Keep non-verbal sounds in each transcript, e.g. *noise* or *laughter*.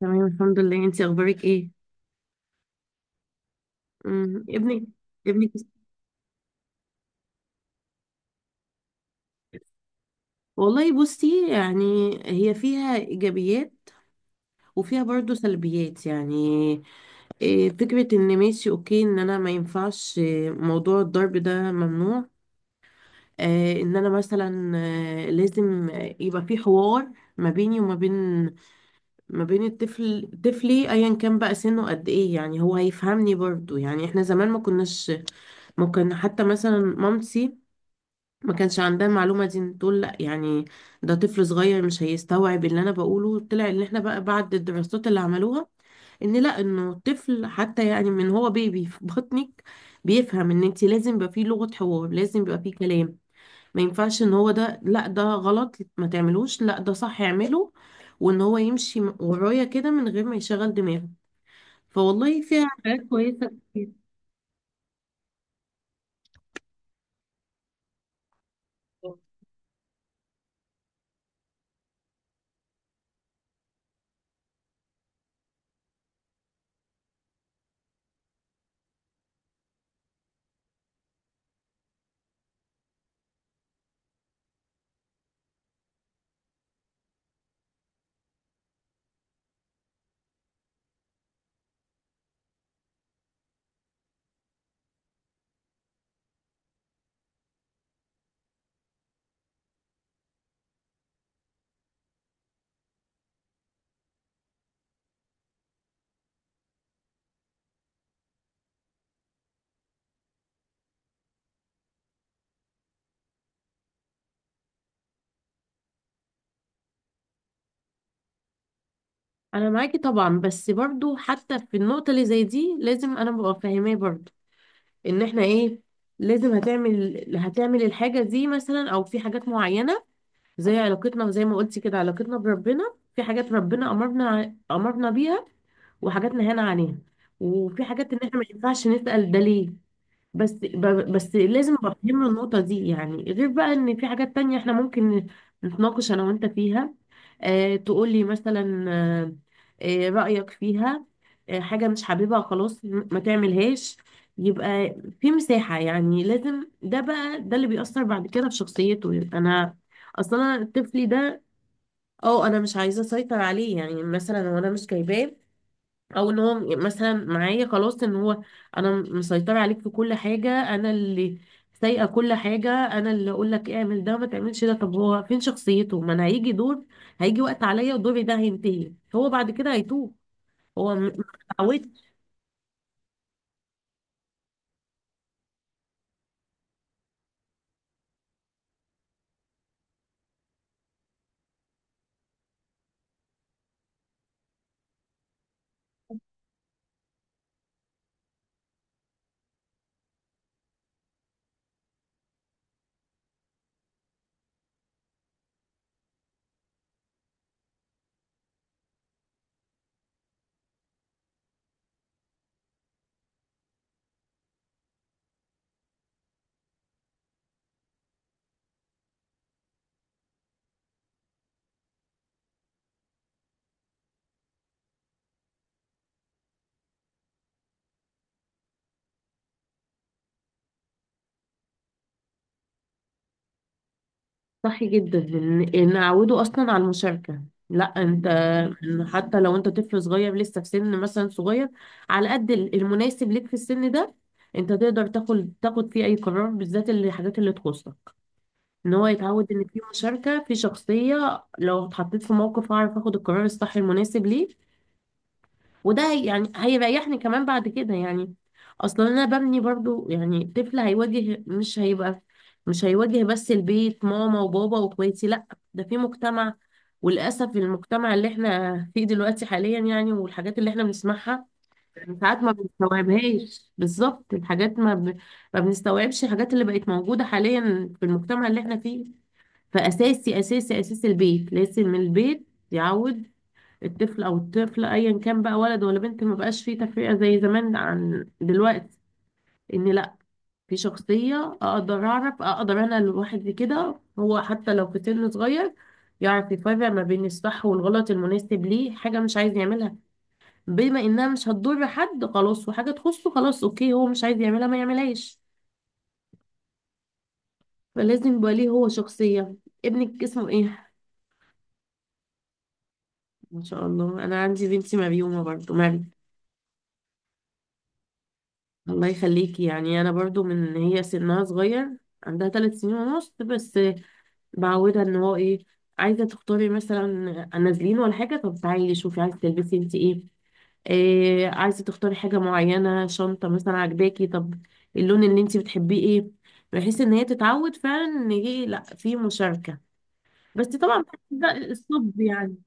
تمام، الحمد لله. انت اخبارك ايه؟ امم ابنك ابنك؟ والله بصي يعني، هي فيها ايجابيات وفيها برضو سلبيات يعني. فكرة ان ماشي، اوكي، ان انا ما ينفعش، موضوع الضرب ده ممنوع. ان انا مثلا لازم يبقى في حوار ما بيني وما بين ما بين الطفل، طفلي ايا كان بقى سنه قد ايه، يعني هو هيفهمني برضو. يعني احنا زمان ما كناش، ممكن حتى مثلا مامتي ما كانش عندها المعلومة دي، تقول لا يعني ده طفل صغير مش هيستوعب اللي انا بقوله. طلع ان احنا بقى بعد الدراسات اللي عملوها، ان لا، انه الطفل حتى يعني من هو بيبي في بطنك بيفهم، ان انت لازم يبقى فيه لغة حوار، لازم يبقى فيه كلام. ما ينفعش ان هو ده لا ده غلط ما تعملوش، لا ده صح اعمله، وان هو يمشي ورايا كده من غير ما يشغل دماغه. فوالله فيها حاجات كويسة كتير. انا معاكي طبعا، بس برضو حتى في النقطة اللي زي دي لازم انا ببقى فاهماه برضو، ان احنا ايه، لازم هتعمل الحاجة دي مثلا، او في حاجات معينة زي علاقتنا، زي ما قلتي كده علاقتنا بربنا، في حاجات ربنا امرنا بيها، وحاجات نهانا عنها، وفي حاجات ان احنا ما ينفعش نسأل ده ليه. بس لازم افهمه النقطة دي، يعني غير بقى ان في حاجات تانية احنا ممكن نتناقش انا وانت فيها. اه تقولي مثلا، رأيك فيها، اه حاجة مش حاببها خلاص، ما تعملهاش. يبقى في مساحة، يعني لازم، ده بقى ده اللي بيأثر بعد كده في شخصيته، يبقى انا اصلا أنا طفلي ده، اه انا مش عايزة اسيطر عليه يعني مثلا، وانا مش جايباه او ان هو مثلا معايا خلاص، ان هو انا مسيطره عليك في كل حاجه، انا اللي سايقه كل حاجه، انا اللي اقول لك اعمل ده ما تعملش ده. طب هو فين شخصيته؟ ما انا هيجي دور، هيجي وقت عليا ودوري ده هينتهي، هو بعد كده هيتوه. هو م- اتعودت. صح جدا، ان اعوده اصلا على المشاركه، لا انت، إن حتى لو انت طفل صغير لسه في سن مثلا صغير، على قد المناسب ليك في السن ده، انت تقدر تاخد فيه اي قرار، بالذات الحاجات اللي تخصك، ان هو يتعود ان في مشاركة، في شخصية، لو اتحطيت في موقف هعرف اخد القرار الصح المناسب ليه. يعني هيريحني كمان بعد كده يعني، اصلا انا ببني برضو يعني طفل هيواجه، مش هيبقى مش هيواجه بس البيت ماما وبابا واخواتي، لا ده في مجتمع. وللاسف المجتمع اللي احنا فيه دلوقتي حاليا يعني، والحاجات اللي احنا بنسمعها ساعات ما بنستوعبهاش بالظبط. الحاجات ما بنستوعبش الحاجات اللي بقت موجودة حاليا في المجتمع اللي احنا فيه. فأساسي أساسي أساس البيت، لازم من البيت يعود الطفل أو الطفلة، أيا كان بقى ولد ولا بنت، ما بقاش فيه تفرقة زي زمان عن دلوقتي، إن لأ، في شخصية، أقدر أعرف، أقدر أنا لوحدي كده، هو حتى لو في سن صغير يعرف يفرق ما بين الصح والغلط المناسب ليه. حاجة مش عايز يعملها، بما إنها مش هتضر حد خلاص وحاجة تخصه، خلاص، أوكي، هو مش عايز يعملها ما يعملهاش. فلازم يبقى ليه هو شخصية. ابنك اسمه إيه؟ ما شاء الله، انا عندي بنتي مريومه برضو، مريم. الله يخليكي. يعني انا برضو من هي سنها صغير، عندها 3 سنين ونص بس، بعودها ان هو ايه، عايزه تختاري مثلا، نازلين ولا حاجه، طب تعالي شوفي عايزه تلبسي انت ايه، إيه عايزه تختاري، حاجه معينه شنطه مثلا عجباكي، طب اللون اللي انت بتحبيه ايه، بحيث ان هي تتعود فعلا ان ايه، لا في مشاركه، بس طبعا ده الصب يعني.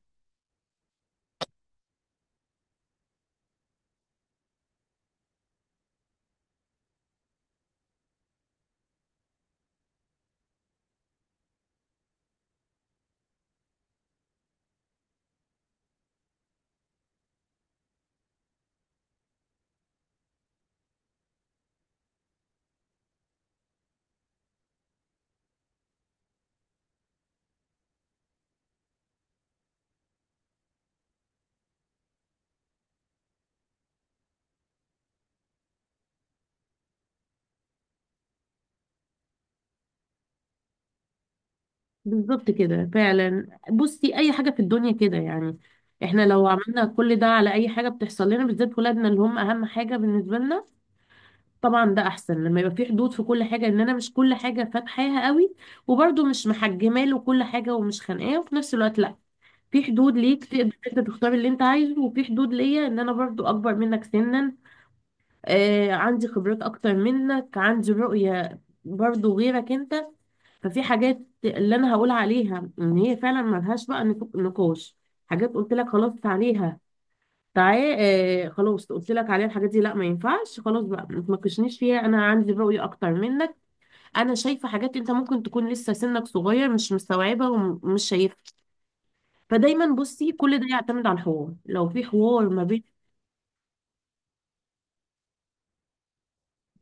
بالظبط كده فعلا. بصي اي حاجه في الدنيا كده يعني، احنا لو عملنا كل ده على اي حاجه بتحصل لنا، بالذات ولادنا اللي هم اهم حاجه بالنسبه لنا، طبعا ده احسن لما يبقى في حدود في كل حاجه، ان انا مش كل حاجه فاتحاها قوي، وبرده مش محجمه له كل حاجه ومش خانقاه، وفي نفس الوقت لا، في حدود ليك تقدر انت تختار اللي انت عايزه، وفي حدود ليا ان انا برضو اكبر منك سنا، عندي خبرات اكتر منك، عندي رؤيه برضو غيرك انت. ففي حاجات اللي انا هقول عليها ان هي فعلا ملهاش بقى نقاش، حاجات قلت لك خلاص عليها، تعالى خلاص قلت لك عليها، الحاجات دي لا ما ينفعش، خلاص بقى ما تناقشنيش فيها، انا عندي رؤية اكتر منك، انا شايفة حاجات انت ممكن تكون لسه سنك صغير مش مستوعبها ومش شايفها. فدايما بصي كل ده يعتمد على الحوار، لو في حوار ما بين،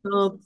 طب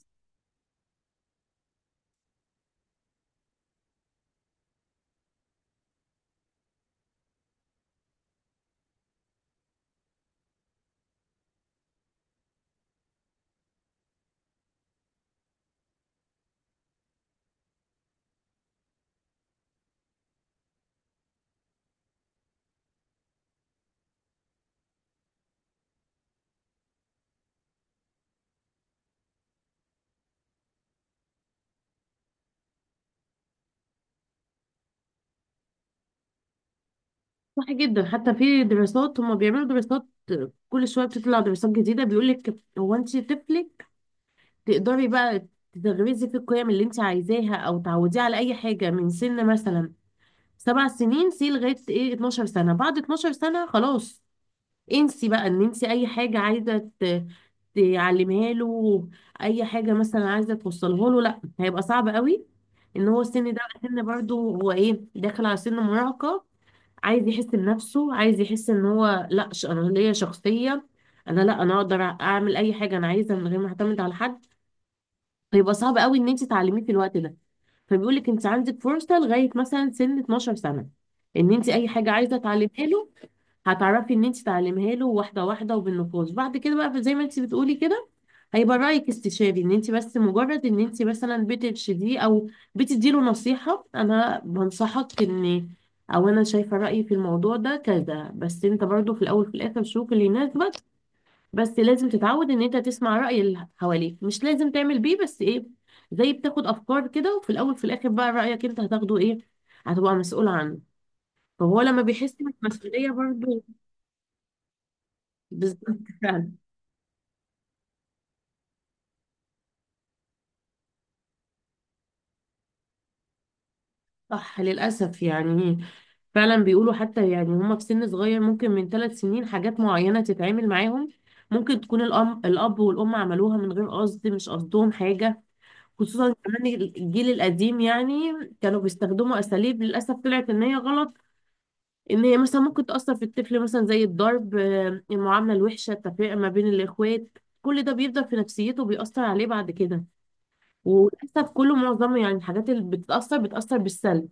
صح جدا، حتى في دراسات، هم بيعملوا دراسات كل شوية، بتطلع دراسات جديدة بيقول لك هو، انت طفلك تقدري بقى تغرزي في القيم اللي انت عايزاها، او تعوديه على اي حاجه من سن مثلا 7 سنين سي لغايه ايه 12 سنه، بعد 12 سنه خلاص انسي بقى ان انت اي حاجه عايزه تعلمها له، اي حاجه مثلا عايزه توصلها له، لا هيبقى صعب قوي، ان هو السن ده بقى سن برضه هو ايه، داخل على سن مراهقه، عايز يحس بنفسه، عايز يحس ان هو لا، انا ليا شخصيه، انا لا، انا اقدر اعمل اي حاجه انا عايزها من غير ما اعتمد على حد. هيبقى صعب قوي ان انت تعلميه في الوقت ده، فبيقول لك انت عندك فرصه لغايه مثلا سن 12 سنه، ان انت اي حاجه عايزه تعلمها له هتعرفي ان انت تعلمها له واحده واحده، وبالنقاش بعد كده بقى، زي ما انت بتقولي كده هيبقى رايك استشاري، ان انت بس مجرد ان انت مثلا بترشديه او بتدي له نصيحه، انا بنصحك ان، او انا شايفه رايي في الموضوع ده كذا، بس انت برضو في الاول في الاخر شوف اللي يناسبك. بس لازم تتعود ان انت تسمع رأي اللي حواليك، مش لازم تعمل بيه، بس ايه، زي بتاخد افكار كده، وفي الاول في الاخر بقى رأيك انت هتاخده، ايه هتبقى مسؤول عنه، فهو لما بيحس بالمسؤولية برضه. بالظبط *laughs* فعلا. صح للأسف يعني، فعلا بيقولوا حتى يعني هما في سن صغير ممكن من 3 سنين، حاجات معينة تتعامل معاهم، ممكن تكون الأم، الأب والأم عملوها من غير قصد، مش قصدهم حاجة، خصوصا كمان الجيل القديم يعني كانوا بيستخدموا أساليب للأسف طلعت إن هي غلط، ان هي مثلا ممكن تأثر في الطفل، مثلا زي الضرب، المعاملة الوحشة، التفرقة ما بين الإخوات، كل ده بيفضل في نفسيته وبيأثر عليه بعد كده. وللأسف كله معظمه يعني الحاجات اللي بتتأثر بتأثر بالسلب.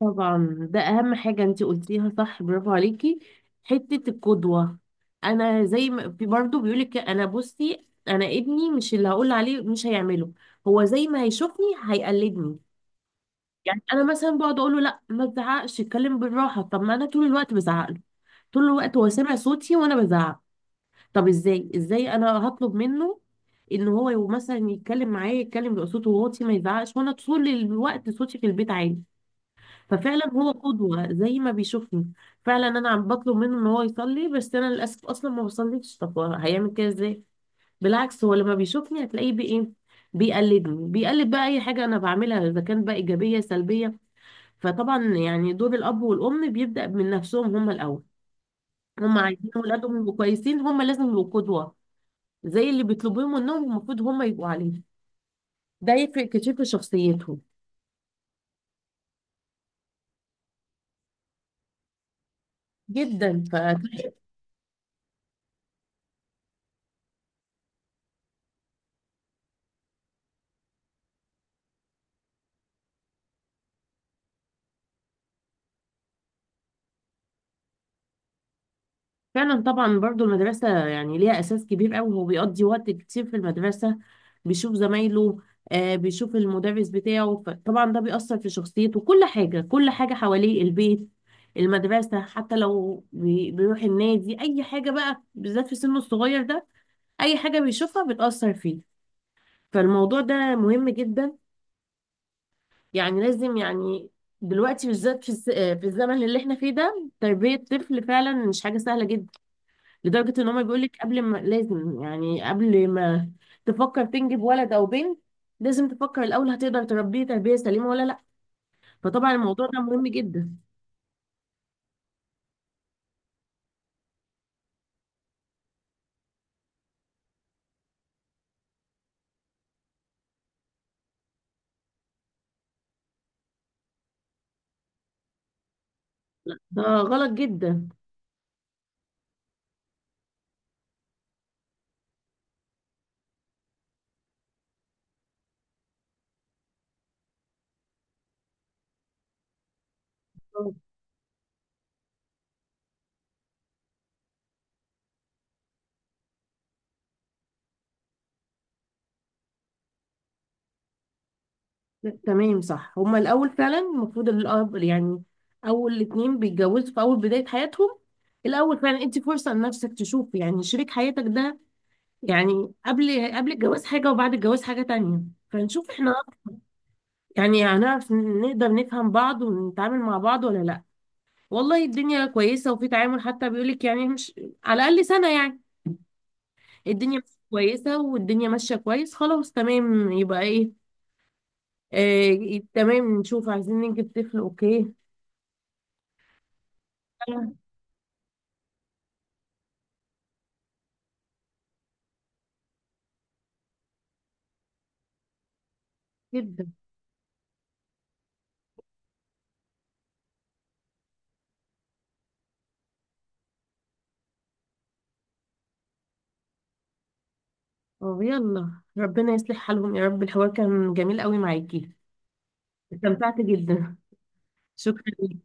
طبعا ده أهم حاجة انتي قلتيها، صح، برافو عليكي، حتة القدوة. أنا زي ما في برضه بيقولك، أنا بصي، أنا ابني مش اللي هقول عليه مش هيعمله، هو زي ما هيشوفني هيقلدني. يعني أنا مثلا بقعد أقول له لا ما تزعقش، اتكلم بالراحة، طب ما أنا طول الوقت بزعق له، طول الوقت هو سامع صوتي وانا بزعق، طب ازاي، انا هطلب منه ان هو مثلا يتكلم معايا، يتكلم بقى صوته واطي ما يزعقش، وانا طول الوقت صوتي في البيت عالي، ففعلا هو قدوة زي ما بيشوفني. فعلا انا عم بطلب منه ان هو يصلي، بس انا للاسف اصلا ما بصليش، طب هو هيعمل كده ازاي؟ بالعكس هو لما بيشوفني هتلاقيه بايه، بيقلدني، بيقلد بقى اي حاجه انا بعملها، اذا كانت بقى ايجابيه سلبيه. فطبعا يعني دور الاب والام بيبدا من نفسهم هم الاول، هم عايزين ولادهم يبقوا كويسين، هم لازم يبقوا قدوة زي اللي بيطلبوه منهم، المفروض هم يبقوا عليه، ده يفرق كتير في شخصيتهم، جدا، ففعلا. طبعا برضو المدرسة يعني ليها أساس كبير قوي، هو بيقضي وقت كتير في المدرسة، بيشوف زمايله، بيشوف المدرس بتاعه، فطبعا ده بيأثر في شخصيته، كل حاجة، كل حاجة حواليه، البيت، المدرسة، حتى لو بيروح النادي، أي حاجة بقى بالذات في سنه الصغير ده، أي حاجة بيشوفها بتأثر فيه. فالموضوع ده مهم جدا، يعني لازم يعني، دلوقتي بالذات في في الزمن اللي احنا فيه ده، تربية طفل فعلا مش حاجة سهلة جدا، لدرجة ان هما بيقولك قبل ما، لازم يعني قبل ما تفكر تنجب ولد او بنت، لازم تفكر الاول هتقدر تربيه تربية سليمة ولا لا، فطبعا الموضوع ده مهم جدا. ده غلط جدا. آه، تمام صح، هما الاول فعلا المفروض الاب يعني، اول اتنين بيتجوزوا في اول بداية حياتهم، الاول فعلا انت فرصة لنفسك تشوف يعني شريك حياتك ده، يعني قبل الجواز حاجة وبعد الجواز حاجة تانية، فنشوف احنا يعني هنعرف نقدر نفهم بعض ونتعامل مع بعض ولا لا، والله الدنيا كويسة وفي تعامل، حتى بيقولك يعني مش، على الأقل سنة يعني، الدنيا مش كويسة والدنيا ماشية كويس خلاص تمام، يبقى ايه، تمام نشوف عايزين نجيب طفل، اوكي. آه، جدا. اه يلا ربنا يصلح حالهم يا رب. الحوار كان جميل قوي معاكي، استمتعت جدا، شكرا.